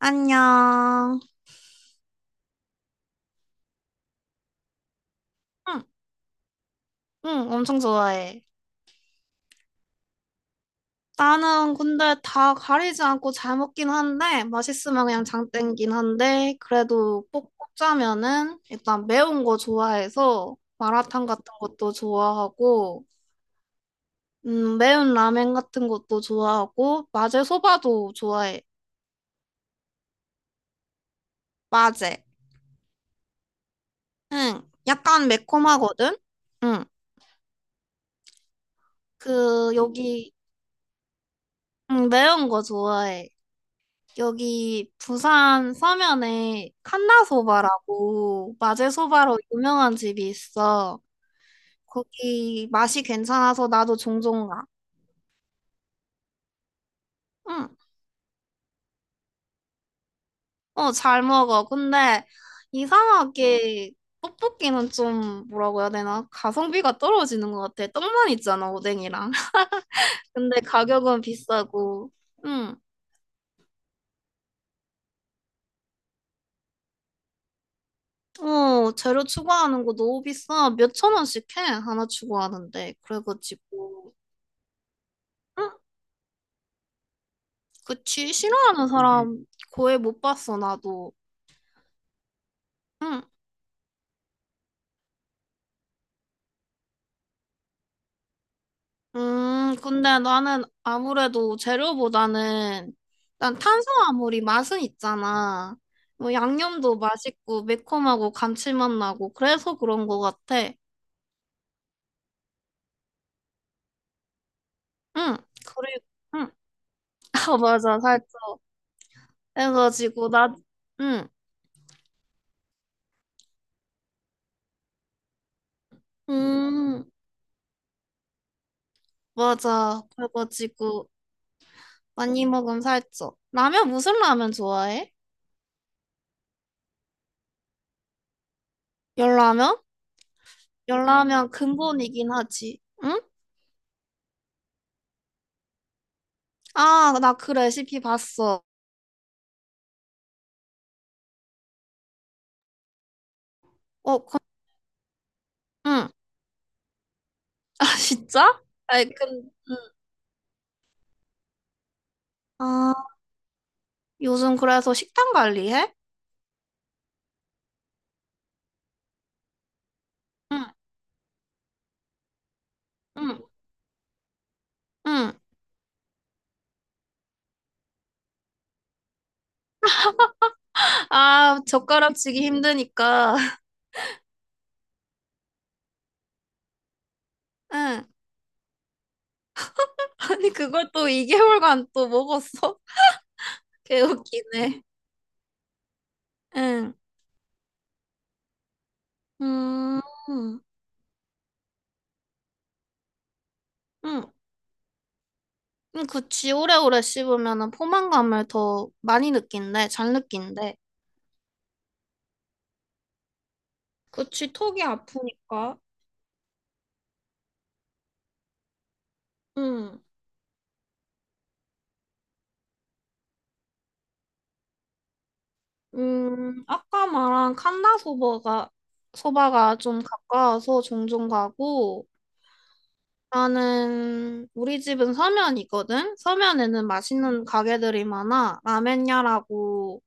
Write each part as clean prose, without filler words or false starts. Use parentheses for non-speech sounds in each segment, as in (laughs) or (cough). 안녕. 응, 응, 엄청 좋아해. 나는 근데 다 가리지 않고 잘 먹긴 한데, 맛있으면 그냥 장 땡긴 한데, 그래도 꼭 꼽자면은, 일단 매운 거 좋아해서, 마라탕 같은 것도 좋아하고, 매운 라멘 같은 것도 좋아하고, 마제 소바도 좋아해. 마제. 응, 약간 매콤하거든? 응, 그, 여기, 응, 매운 거 좋아해. 여기 부산 서면에 칸나소바라고 마제소바로 유명한 집이 있어. 거기 맛이 괜찮아서 나도 종종 가. 응. 어, 잘 먹어. 근데 이상하게 떡볶이는 좀 뭐라고 해야 되나? 가성비가 떨어지는 것 같아. 떡만 있잖아, 오뎅이랑. (laughs) 근데 가격은 비싸고. 응. 어, 재료 추가하는 거 너무 비싸. 몇 천 원씩 해, 하나 추가하는데. 그래가지고. 응. 그치, 싫어하는 사람 거의 못 봤어, 나도. 응. 근데 나는 아무래도 재료보다는 난 탄수화물이 맛은 있잖아. 뭐 양념도 맛있고 매콤하고 감칠맛 나고 그래서 그런 것 같아. 응. 그리고 응. (laughs) 아, 맞아. 살짝 해가지고 나 응. 음, 맞아. 그래가지고 많이 먹으면 살쪄. 라면 무슨 라면 좋아해? 열라면? 열라면 근본이긴 하지. 응? 아, 나 그 레시피 봤어. 어, 그, 응. 아, (laughs) 진짜? 아이, 근, 응. 아, 요즘 그래서 식단 관리해? 응, 응, 응. 아, 젓가락 치기 힘드니까. (laughs) 응. 아니, 그걸 또 2개월간 또 먹었어? (laughs) 개웃기네. 응. 음, 응. 응, 그치. 오래오래 씹으면은 포만감을 더 많이 느낀대. 잘 느낀대. 그치, 턱이 아프니까. 응. 아까 말한 칸다 소바가, 소바가 좀 가까워서 종종 가고, 나는 우리 집은 서면이거든? 서면에는 맛있는 가게들이 많아. 라멘야라고,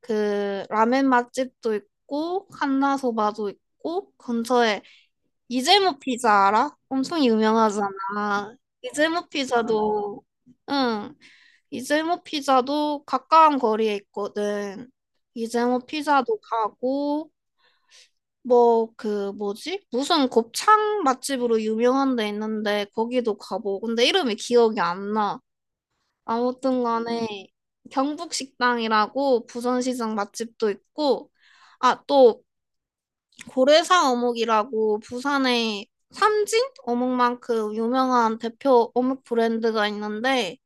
그, 라멘 맛집도 있고, 칸다 소바도 있고, 근처에 이재모 피자 알아? 엄청 유명하잖아. 이재모 피자도, 응, 이재모 피자도 가까운 거리에 있거든. 이재모 피자도 가고, 뭐, 그, 뭐지? 무슨 곱창 맛집으로 유명한 데 있는데, 거기도 가보고. 근데 이름이 기억이 안 나. 아무튼 간에, 경북식당이라고 부산시장 맛집도 있고, 아, 또, 고래사 어묵이라고 부산의 삼진 어묵만큼 유명한 대표 어묵 브랜드가 있는데,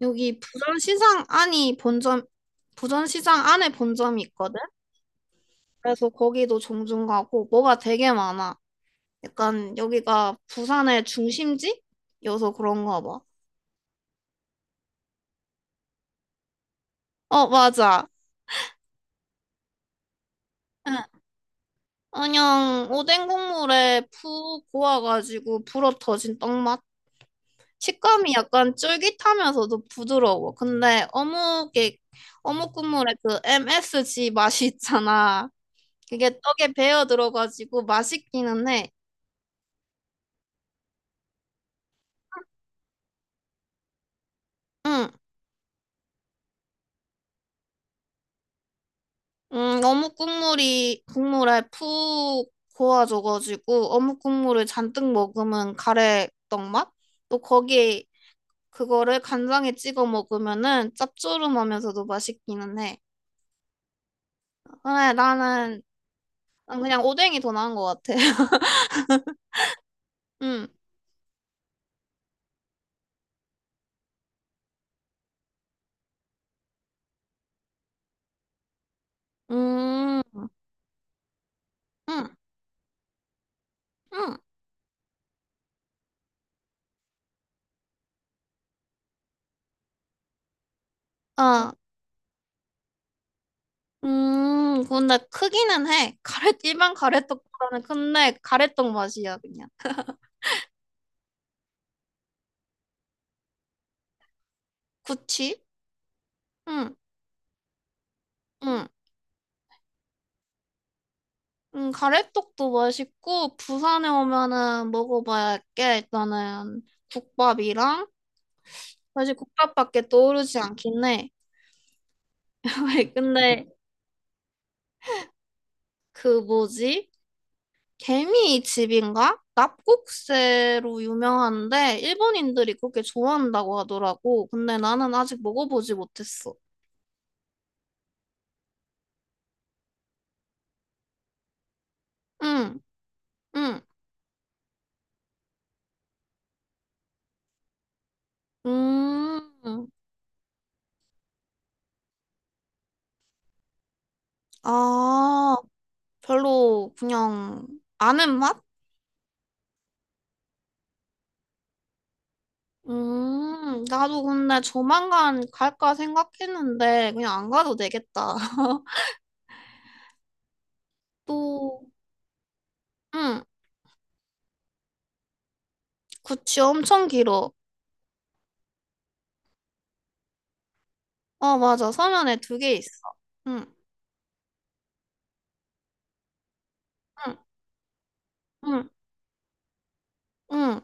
여기 부산시장 안이 본점, 부산시장 안에 본점이 있거든? 그래서 거기도 종종 가고, 뭐가 되게 많아. 약간 여기가 부산의 중심지여서 그런가 봐. 어, 맞아. 응. 그냥 오뎅 국물에 푹 고와가지고 불어 터진 떡맛. 식감이 약간 쫄깃하면서도 부드러워. 근데 어묵 국물에 그 MSG 맛이 있잖아. 그게 떡에 배어 들어가지고 맛있기는 해. 응. 어묵 국물이 국물에 푹 고아져가지고 어묵 국물을 잔뜩 먹으면 가래떡 맛? 또 거기에 그거를 간장에 찍어 먹으면은 짭조름하면서도 맛있기는 해. 그래, 나는 난 그냥 오뎅이 더 나은 것 같아. (laughs) 음, 음, 음, 음, 아, 근데 크기는 해. 가래 일반 가래떡보다는 큰데 가래떡 맛이야 그냥. 그치? 응. 응. 가래떡도 맛있고, 부산에 오면은 먹어봐야 할 게, 일단은 국밥이랑, 사실 국밥밖에 떠오르지 않긴 해. (laughs) 왜, 근데, 그 뭐지? 개미집인가? 납국새로 유명한데, 일본인들이 그렇게 좋아한다고 하더라고. 근데 나는 아직 먹어보지 못했어. 응, 응, 음, 아, 별로 그냥 아는 맛? 나도 근데 조만간 갈까 생각했는데 그냥 안 가도 되겠다. (laughs) 또, 응, 구찌 엄청 길어. 어, 맞아. 서면에 두 개 있어. 응, 응, 응, 응.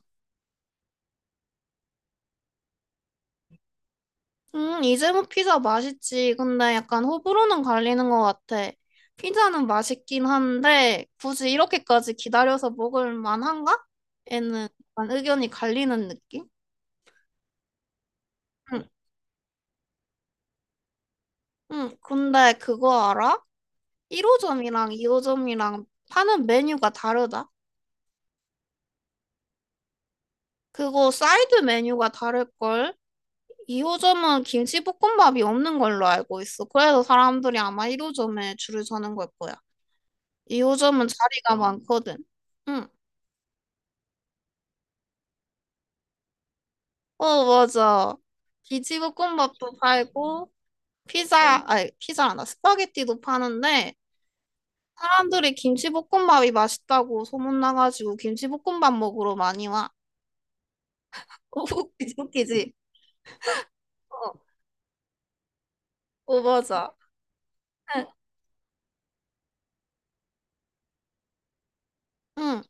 응, 이재모 피자 맛있지. 근데 약간 호불호는 갈리는 것 같아. 피자는 맛있긴 한데 굳이 이렇게까지 기다려서 먹을 만한가? 에는 약간 의견이 갈리는 느낌? 응, 응. 근데 그거 알아? 1호점이랑 2호점이랑 파는 메뉴가 다르다? 그거 사이드 메뉴가 다를걸? 2호점은 김치볶음밥이 없는 걸로 알고 있어. 그래서 사람들이 아마 1호점에 줄을 서는 걸 거야. 2호점은 자리가 많거든. 응. 어, 맞아. 김치볶음밥도 팔고, 피자, 아니, 피자란다. 스파게티도 파는데, 사람들이 김치볶음밥이 맛있다고 소문나가지고 김치볶음밥 먹으러 많이 와. (laughs) 웃기지, 웃기지? 어, 어, 맞아. 응. 응.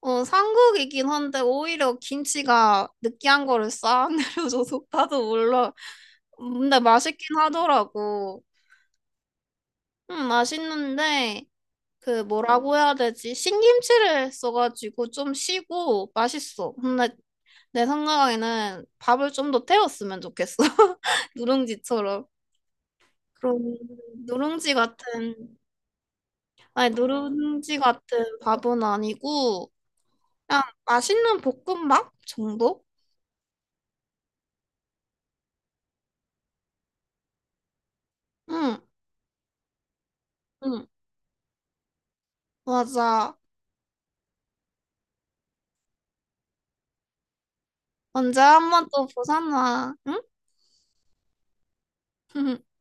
어, 삼국이긴 한데 오히려 김치가 느끼한 거를 싹 (laughs) 내려줘서 나도 몰라. 근데 맛있긴 하더라고. 응, 맛있는데 그 뭐라고 해야 되지? 신김치를 써가지고 좀 시고 맛있어. 근데 내 생각에는 밥을 좀 더 태웠으면 좋겠어. (laughs) 누룽지처럼. 그런 누룽지 같은 아니 누룽지 같은 밥은 아니고 그냥 맛있는 볶음밥 정도? 응. 응. 맞아. 언제 한 번 또 부산 와. 응? (laughs)